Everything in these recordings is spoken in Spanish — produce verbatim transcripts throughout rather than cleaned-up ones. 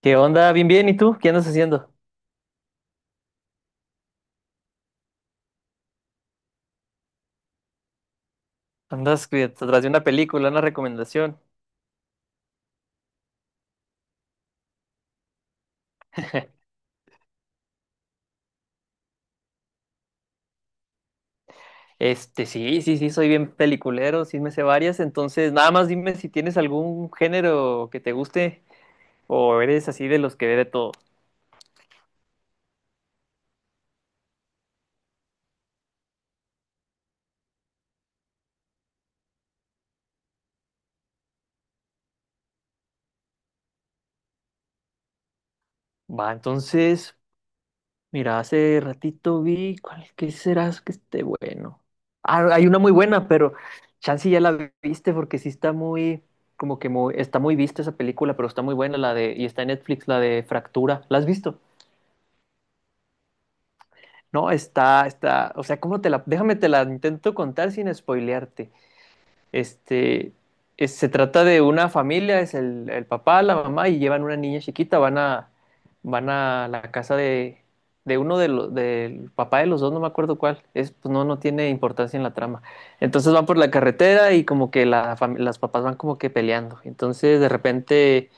¿Qué onda? Bien, bien. ¿Y tú? ¿Qué andas haciendo? Andas que- atrás de una película, una recomendación. Este, sí, sí, sí, soy bien peliculero, sí me sé varias. Entonces, nada más dime si tienes algún género que te guste o eres así de los que ve de todo. Va, entonces, mira, hace ratito vi, ¿cuál que será que esté bueno? Ah, no, hay una muy buena, pero chance ya la viste porque sí está muy, como que muy, está muy vista esa película, pero está muy buena la de, y está en Netflix, la de Fractura. ¿La has visto? No, está, está, o sea, ¿cómo te la, déjame te la intento contar sin spoilearte. Este, es- se trata de una familia, es el, el papá, la mamá y llevan una niña chiquita, van a, van a la casa de, de uno de los, del papá de los dos, no me acuerdo cuál, es, pues no, no tiene importancia en la trama. Entonces van por la carretera y como que la, fam- las papás van como que peleando. Entonces de repente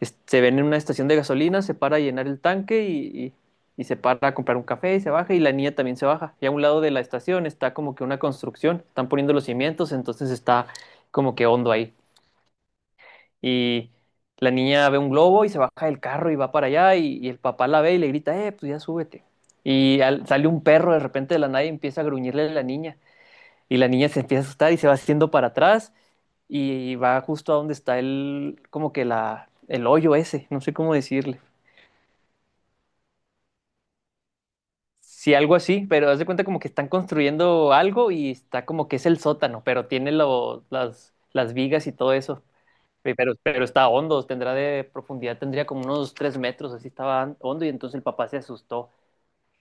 es- se ven en una estación de gasolina, se para a llenar el tanque y, y- y se para a comprar un café y se baja y la niña también se baja. Y a un lado de la estación está como que una construcción, están poniendo los cimientos, entonces está como que hondo ahí. Y la niña ve un globo y se baja del carro y va para allá y, y el papá la ve y le grita, eh, pues ya súbete. Y al- sale un perro de repente de la nada y empieza a gruñirle a la niña. Y la niña se empieza a asustar y se va haciendo para atrás y va justo a donde está el, como que la, el hoyo ese, no sé cómo decirle. Sí, algo así, pero haz de cuenta como que están construyendo algo y está como que es el sótano, pero tiene lo- las, las vigas y todo eso. Eh, Pero, pero está hondo, tendrá de profundidad, tendría como unos tres metros, así estaba hondo y entonces el papá se asustó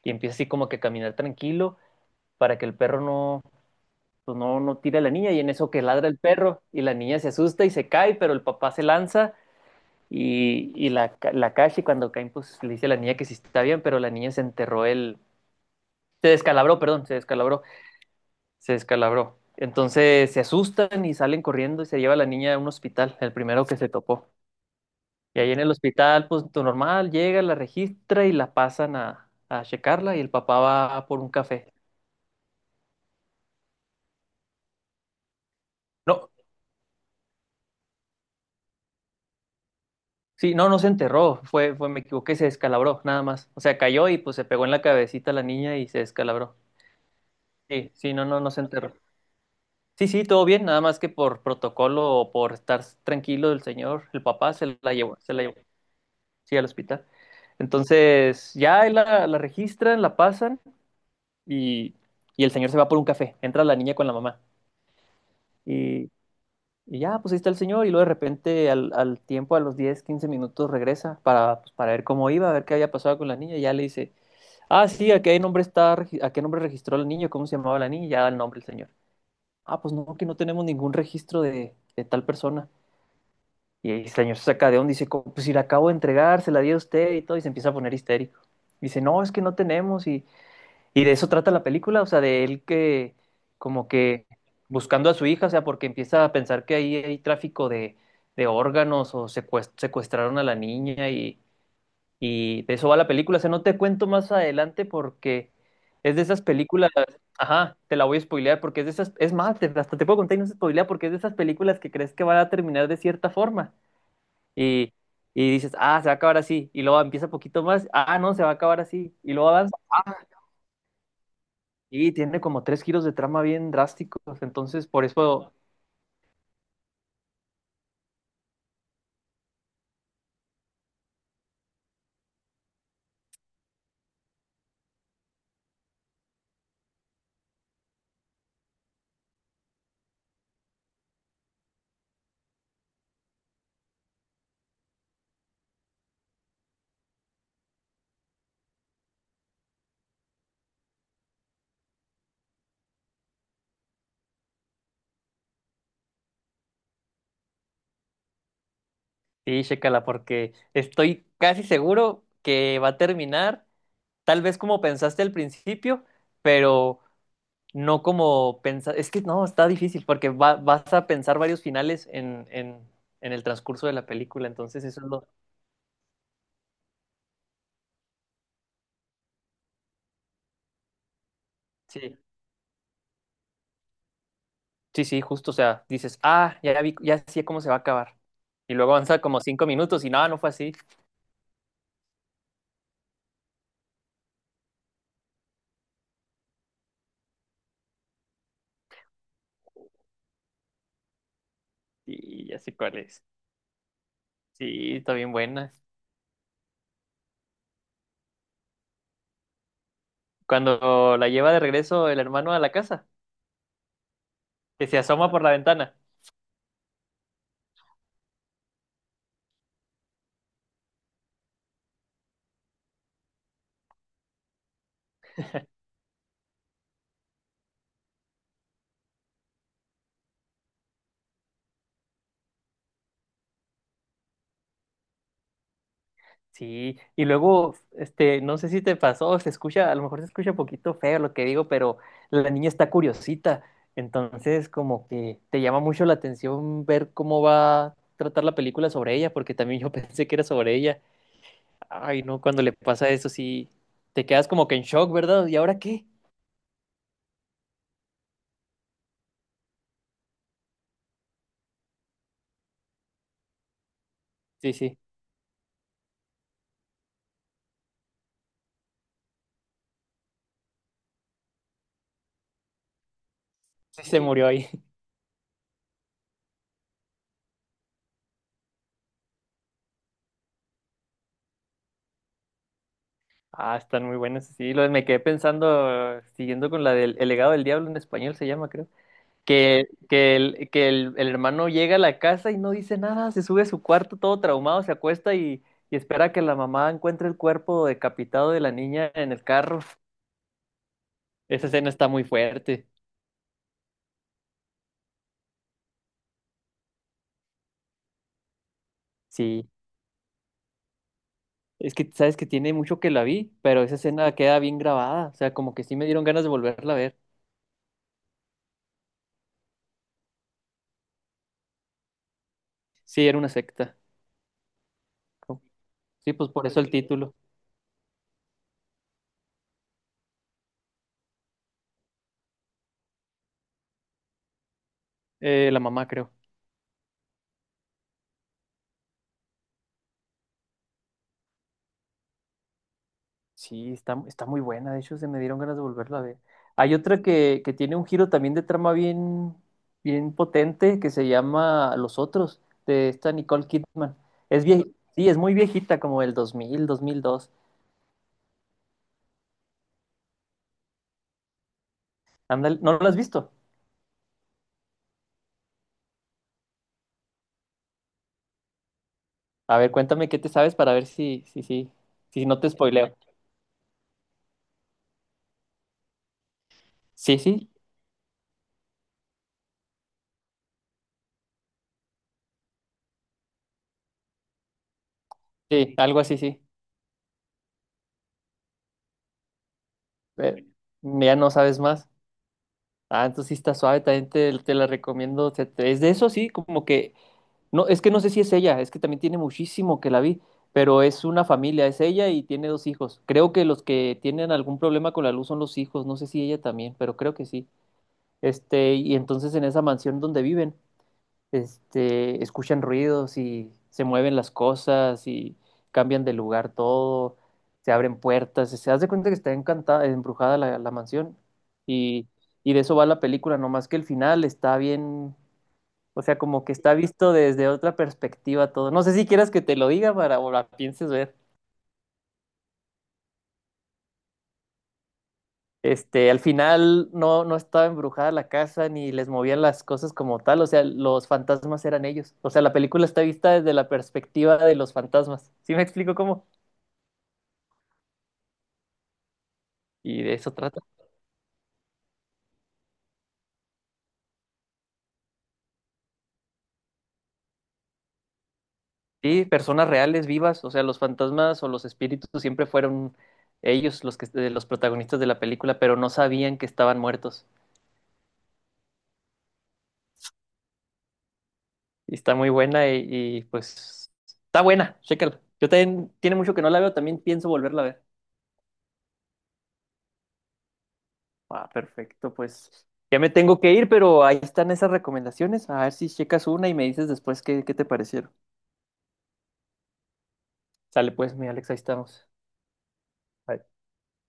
y empieza así como que a caminar tranquilo para que el perro no, pues no, no tire a la niña y en eso que ladra el perro y la niña se asusta y se cae, pero el papá se lanza y, y la, ca- la cacha y cuando caen pues le dice a la niña que sí está bien, pero la niña se enterró el... Se descalabró, perdón, se descalabró se descalabró. Entonces se asustan y salen corriendo y se lleva a la niña a un hospital, el primero que se topó. Y ahí en el hospital, pues todo normal, llega, la registra y la pasan a, a checarla y el papá va por un café. No, sí, no, no se enterró, fue, fue, me equivoqué, se descalabró, nada más. O sea, cayó y pues se pegó en la cabecita la niña y se descalabró. Sí, sí, no, no, no se enterró. Sí, sí, todo bien, nada más que por protocolo o por estar tranquilo el señor, el papá se la llevó, se la llevó. Sí, al hospital. Entonces, ya ahí la, la registran, la pasan y, y el señor se va por un café. Entra la niña con la mamá. Y, y ya, pues ahí está el señor. Y luego de repente, al, al tiempo, a los diez quince minutos, regresa para, pues, para ver cómo iba, a ver qué había pasado con la niña. Y ya le dice, ah, sí, ¿a qué nombre está, regi- a qué nombre registró el niño? ¿Cómo se llamaba la niña? Y ya da el nombre el señor. Ah, pues no, que no tenemos ningún registro de, de tal persona. Y el señor se saca de onda y dice, "Co- pues si la acabo de entregar, se la di a usted y todo, y se empieza a poner histérico. Dice, no, es que no tenemos, y, y de eso trata la película, o sea, de él que, como que buscando a su hija, o sea, porque empieza a pensar que ahí hay tráfico de, de órganos o secuest- secuestraron a la niña y, y de eso va la película. O sea, no te cuento más adelante porque es de esas películas, ajá, te la voy a spoilear porque es de esas, es más, te- hasta te puedo contar y no se spoilea porque es de esas películas que crees que va a terminar de cierta forma y, y dices, ah, se va a acabar así, y luego empieza poquito más, ah, no, se va a acabar así, y luego avanza. Y tiene como tres giros de trama bien drásticos, entonces por eso, sí, chécala, porque estoy casi seguro que va a terminar, tal vez como pensaste al principio, pero no como pensar, es que no, está difícil, porque va- vas a pensar varios finales en, en, en el transcurso de la película, entonces eso es lo... Sí, Sí, sí, justo, o sea, dices, ah, ya vi, ya sé cómo se va a acabar. Y luego avanza como cinco minutos y nada, no fue así. Y ya sé cuál es. Sí, está bien buena. Cuando la lleva de regreso el hermano a la casa, que se asoma por la ventana. Sí, y luego, este, no sé si te pasó, se escucha, a lo mejor se escucha un poquito feo lo que digo, pero la niña está curiosita. Entonces, como que te llama mucho la atención ver cómo va a tratar la película sobre ella, porque también yo pensé que era sobre ella. Ay, no, cuando le pasa eso sí te quedas como que en shock, ¿verdad? ¿Y ahora qué? Sí, sí, sí se murió ahí. Ah, están muy buenas. Sí, lo, me quedé pensando, siguiendo con la del El legado del diablo en español se llama, creo. Que, que, el, que el, el hermano llega a la casa y no dice nada, se sube a su cuarto todo traumado, se acuesta y, y espera que la mamá encuentre el cuerpo decapitado de la niña en el carro. Esa escena está muy fuerte. Sí. Es que sabes que tiene mucho que la vi, pero esa escena queda bien grabada. O sea, como que sí me dieron ganas de volverla a ver. Sí, era una secta. ¿No? Sí, pues por eso el título. Eh, la mamá, creo. Sí, está, está muy buena. De hecho, se me dieron ganas de volverla a ver. Hay otra que, que tiene un giro también de trama bien, bien potente que se llama Los Otros, de esta Nicole Kidman. Es vie- sí, es muy viejita, como el dos mil, dos mil dos. Ándale, ¿no la has visto? A ver, cuéntame qué te sabes para ver si, si, si, si no te spoileo. Sí, sí. Sí, algo así, sí. Eh, ya no sabes más. Ah, entonces sí está suave, también te, te la recomiendo. Se te- es de eso, sí, como que, no, es que no sé si es ella, es que también tiene muchísimo que la vi, pero es una familia, es ella y tiene dos hijos. Creo que los que tienen algún problema con la luz son los hijos, no sé si ella también, pero creo que sí. Este, y entonces en esa mansión donde viven. este, escuchan ruidos y se mueven las cosas y cambian de lugar todo, se abren puertas, se hace cuenta que está encantada, embrujada la, la mansión y, y de eso va la película, nomás que el final está bien, o sea, como que está visto desde otra perspectiva todo. No sé si quieras que te lo diga para o la pienses ver. Este, al final no, no estaba embrujada la casa ni les movían las cosas como tal, o sea, los fantasmas eran ellos. O sea, la película está vista desde la perspectiva de los fantasmas. ¿Sí me explico cómo? Y de eso trata. Sí, personas reales, vivas, o sea, los fantasmas o los espíritus siempre fueron ellos los que eh, los protagonistas de la película, pero no sabían que estaban muertos. Y está muy buena y, y, pues está buena, chécala. Yo también tiene mucho que no la veo, también pienso volverla a ver. Ah, perfecto, pues ya me tengo que ir, pero ahí están esas recomendaciones. A ver si checas una y me dices después qué, qué te parecieron. Sale pues, mi Alex, ahí estamos. Bye.